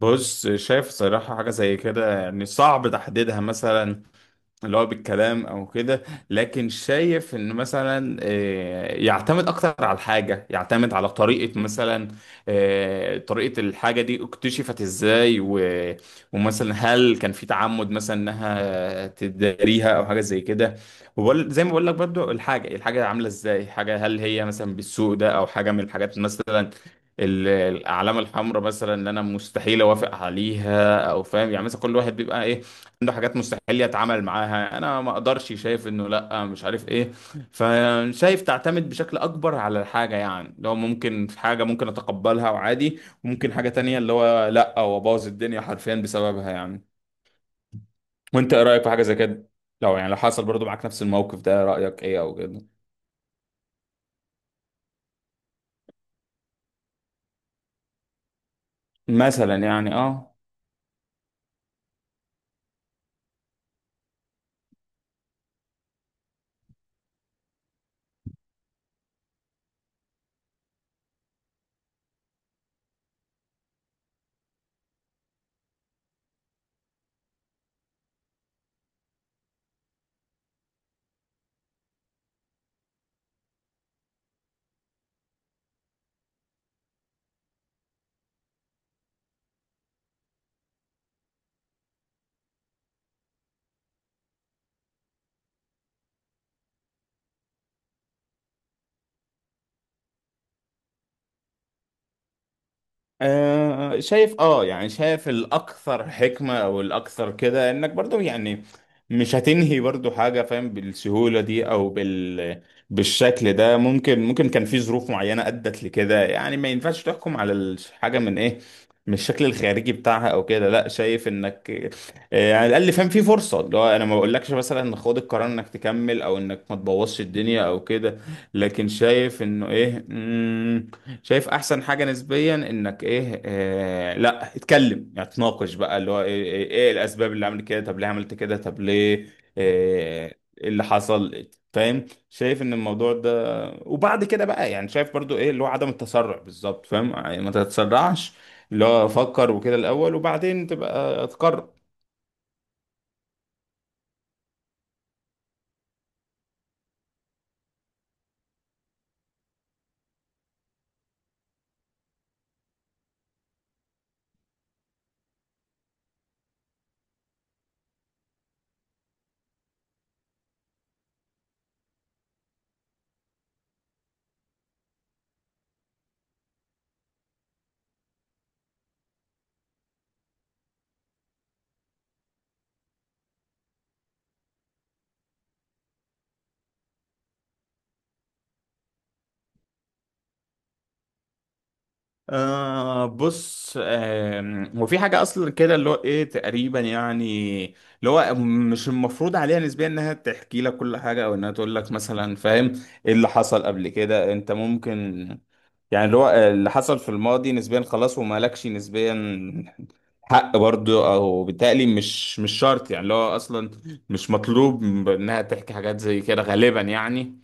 بص، شايف صراحة حاجة زي كده يعني صعب تحديدها مثلا، اللي هو بالكلام أو كده. لكن شايف إن مثلا يعتمد أكتر على الحاجة، يعتمد على طريقة مثلا، طريقة الحاجة دي اكتشفت إزاي ومثلا هل كان في تعمد مثلا إنها تداريها أو حاجة زي كده. زي ما بقول لك برضو الحاجة عاملة إزاي، حاجة هل هي مثلا بالسوق ده أو حاجة من الحاجات مثلا، الاعلام الحمراء مثلا، ان انا مستحيل اوافق عليها او فاهم. يعني مثلا كل واحد بيبقى ايه عنده حاجات مستحيل يتعامل معاها، انا ما اقدرش، شايف انه لا مش عارف ايه. فشايف تعتمد بشكل اكبر على الحاجه، يعني لو ممكن في حاجه ممكن اتقبلها وعادي، وممكن حاجه تانية اللي هو لا هو باظ الدنيا حرفيا بسببها يعني. وانت ايه رايك في حاجه زي كده؟ لو يعني لو حصل برضو معاك نفس الموقف ده رايك ايه او كده. مثلا يعني اه. شايف اه يعني شايف الاكثر حكمة او الاكثر كده انك برضو يعني مش هتنهي برضو حاجة فاهم بالسهولة دي او بالشكل ده. ممكن كان في ظروف معينة ادت لكده، يعني ما ينفعش تحكم على الحاجة من ايه، من الشكل الخارجي بتاعها او كده، لا شايف انك يعني على الاقل فاهم في فرصة اللي هو انا ما بقولكش مثلا خد القرار انك تكمل او انك ما تبوظش الدنيا او كده. لكن شايف انه ايه، شايف احسن حاجه نسبيا انك ايه لا اتكلم، يعني تناقش بقى اللي هو ايه الاسباب اللي عملت كده، طب ليه عملت كده، طب ليه؟ آه. ايه اللي حصل فاهم. شايف ان الموضوع ده وبعد كده بقى يعني، شايف برضو ايه اللي هو عدم التسرع بالظبط، فاهم يعني ما تتسرعش، اللي هو فكر وكده الاول وبعدين تبقى تقرر. آه بص وفي حاجة أصلا كده اللي هو إيه تقريبا يعني، اللي هو مش المفروض عليها نسبيا إنها تحكي لك كل حاجة أو إنها تقول لك مثلا فاهم إيه اللي حصل قبل كده. أنت ممكن يعني اللي هو اللي حصل في الماضي نسبيا خلاص، ومالكش نسبيا حق برضه، او بالتالي مش شرط يعني اللي هو اصلا مش مطلوب انها تحكي حاجات زي كده غالبا يعني.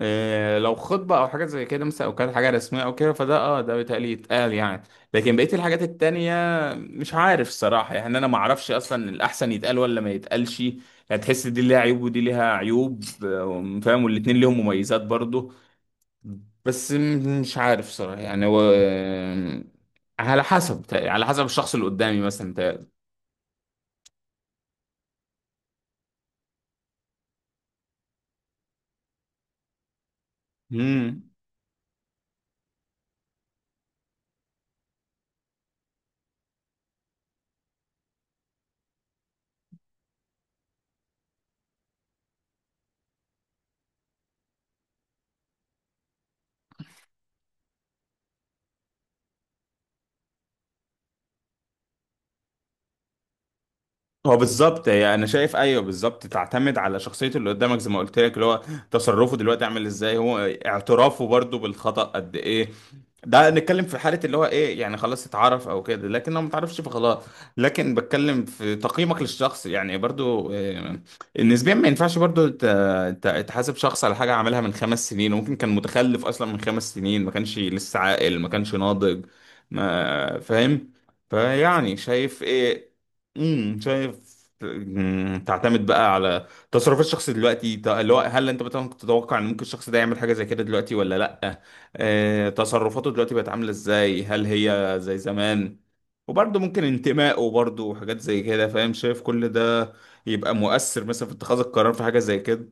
إيه، لو خطبة أو حاجات زي كده مثلا أو كانت حاجة رسمية أو كده، فده أه ده بيتهيألي يتقال يعني. لكن بقية الحاجات التانية مش عارف الصراحة، يعني أنا ما أعرفش أصلا الأحسن يتقال ولا ما يتقالش، يعني تحس دي ليها عيوب ودي ليها عيوب فاهم، والاتنين ليهم مميزات برضو. بس مش عارف صراحة يعني هو على حسب بتهيألي، على حسب الشخص اللي قدامي مثلا. امم، هو بالظبط يعني انا شايف، ايوه بالظبط تعتمد على شخصيه اللي قدامك زي ما قلت لك اللي هو تصرفه دلوقتي عامل ازاي، هو اعترافه برضو بالخطأ قد ايه. ده نتكلم في حاله اللي هو ايه يعني خلاص اتعرف او كده، لكن لو ما تعرفش فخلاص. لكن بتكلم في تقييمك للشخص يعني برضو إيه، نسبيا ما ينفعش برضو تحاسب شخص على حاجه عملها من 5 سنين، وممكن كان متخلف اصلا من 5 سنين، ما كانش لسه عاقل ما كانش ناضج ما فاهم. فيعني شايف ايه، شايف تعتمد بقى على تصرف الشخص دلوقتي. اللي هو هل انت مثلا كنت تتوقع ان ممكن الشخص ده يعمل حاجه زي كده دلوقتي ولا لا؟ تصرفاته دلوقتي بقت عامله ازاي، هل هي زي زمان؟ وبرضه ممكن انتمائه برضه وحاجات زي كده، فاهم؟ شايف كل ده يبقى مؤثر مثلا في اتخاذ القرار في حاجه زي كده.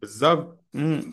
بالظبط.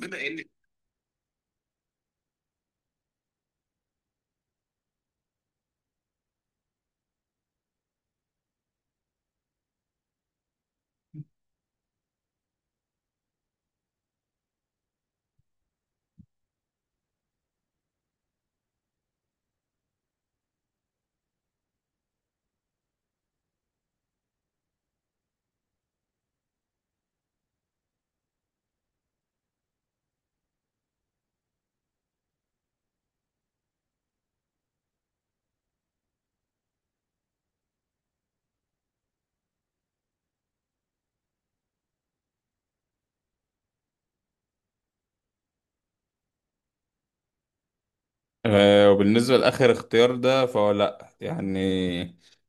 وبالنسبة لآخر اختيار ده فهو لأ يعني،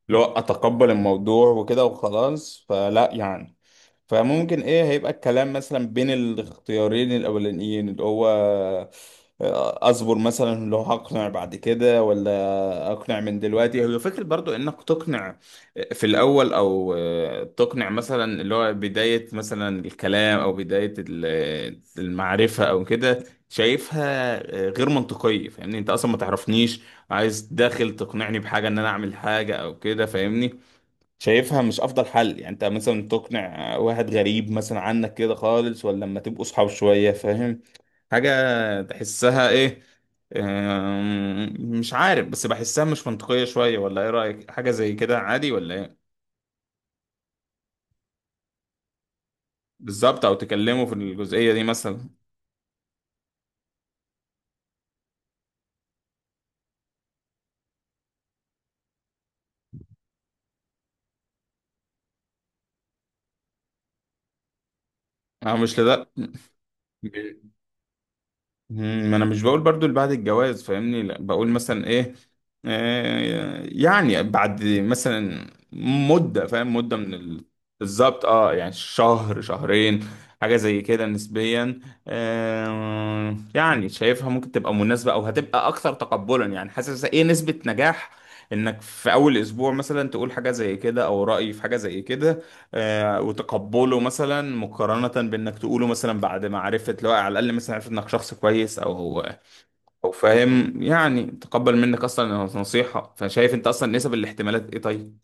لو أتقبل الموضوع وكده وخلاص فلأ يعني. فممكن ايه هيبقى الكلام مثلا بين الاختيارين الاولانيين، اللي هو اصبر مثلا اللي هو هقنع بعد كده، ولا اقنع من دلوقتي. هو فكرة برضو انك تقنع في الاول او تقنع مثلا اللي هو بداية مثلا الكلام او بداية المعرفة او كده، شايفها غير منطقية، فاهمني انت اصلا ما تعرفنيش عايز داخل تقنعني بحاجة ان انا اعمل حاجة او كده فاهمني. شايفها مش افضل حل، يعني انت مثلا تقنع واحد غريب مثلا عنك كده خالص ولا لما تبقوا صحاب شوية فاهم حاجة؟ تحسها ايه؟ أم، مش عارف بس بحسها مش منطقية شوية. ولا ايه رأيك، حاجة زي كده عادي ولا ايه؟ بالظبط، او تكلموا في الجزئية دي مثلا. اه، مش لده. ما انا مش بقول برضو اللي بعد الجواز فاهمني، لا بقول مثلا ايه يعني بعد مثلا مدة، فاهم، مدة من ال... بالظبط اه. يعني شهر شهرين حاجة زي كده نسبيا. آه، يعني شايفها ممكن تبقى مناسبة او هتبقى اكثر تقبلا. يعني حاسس ايه نسبة نجاح انك في اول اسبوع مثلا تقول حاجة زي كده او رأي في حاجة زي كده وتقبله، مثلا مقارنة بإنك تقوله مثلا بعد ما عرفت، لو على الأقل مثلا عرفت إنك شخص كويس أو فاهم يعني تقبل منك أصلا إنه نصيحة. فشايف أنت أصلا نسب الاحتمالات إيه طيب؟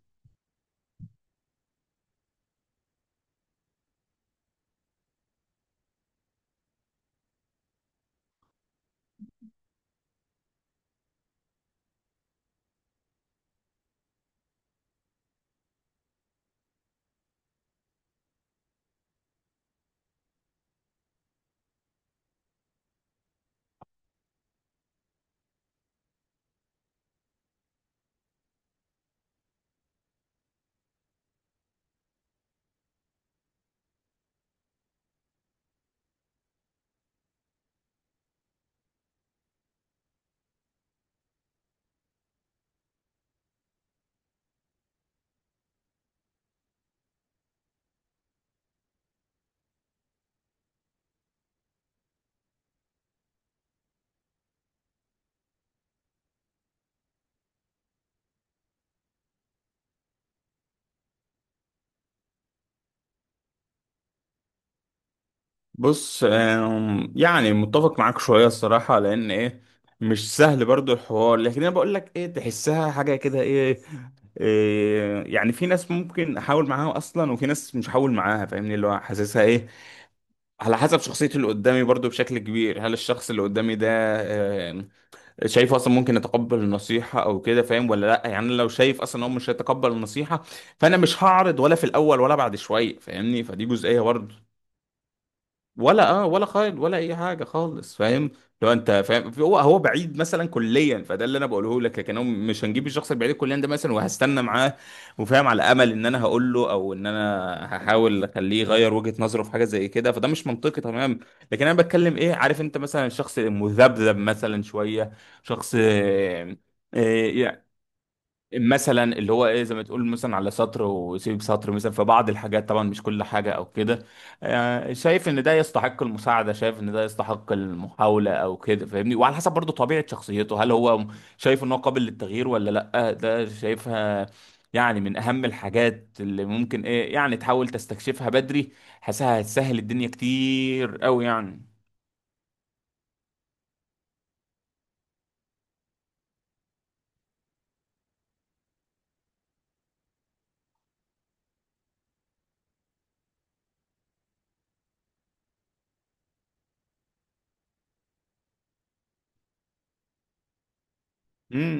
بص يعني متفق معاك شوية الصراحة، لأن إيه مش سهل برضو الحوار. لكن أنا بقول لك إيه، تحسها حاجة كده، إيه يعني في ناس ممكن احاول معاها اصلا، وفي ناس مش هحاول معاها فاهمني، اللي هو حاسسها ايه على حسب شخصية اللي قدامي برضو بشكل كبير. هل الشخص اللي قدامي ده شايفه أصلا ممكن يتقبل النصيحة أو كده فاهم ولا لأ؟ يعني أنا لو شايف أصلا إن هو مش هيتقبل النصيحة فأنا مش هعرض، ولا في الأول ولا بعد شوية فاهمني، فدي جزئية برضو. ولا اه، ولا خال ولا اي حاجه خالص فاهم. لو انت فاهم هو بعيد مثلا كليا فده اللي انا بقوله لك، لكن هو مش هنجيب الشخص البعيد كليا ده مثلا وهستنى معاه وفاهم على امل ان انا هقول له او ان انا هحاول اخليه يغير وجهه نظره في حاجه زي كده، فده مش منطقي تمام. لكن انا بتكلم ايه عارف انت مثلا الشخص المذبذب مثلا شويه، شخص آه، مثلا اللي هو ايه زي ما تقول مثلا على سطر ويسيب سطر مثلا في بعض الحاجات طبعا مش كل حاجة او كده. شايف ان ده يستحق المساعدة، شايف ان ده يستحق المحاولة او كده فاهمني. وعلى حسب برضو طبيعة شخصيته هل هو شايف ان هو قابل للتغيير ولا لا؟ ده شايفها يعني من اهم الحاجات اللي ممكن ايه يعني تحاول تستكشفها بدري. حاسها هتسهل الدنيا كتير قوي يعني. امم.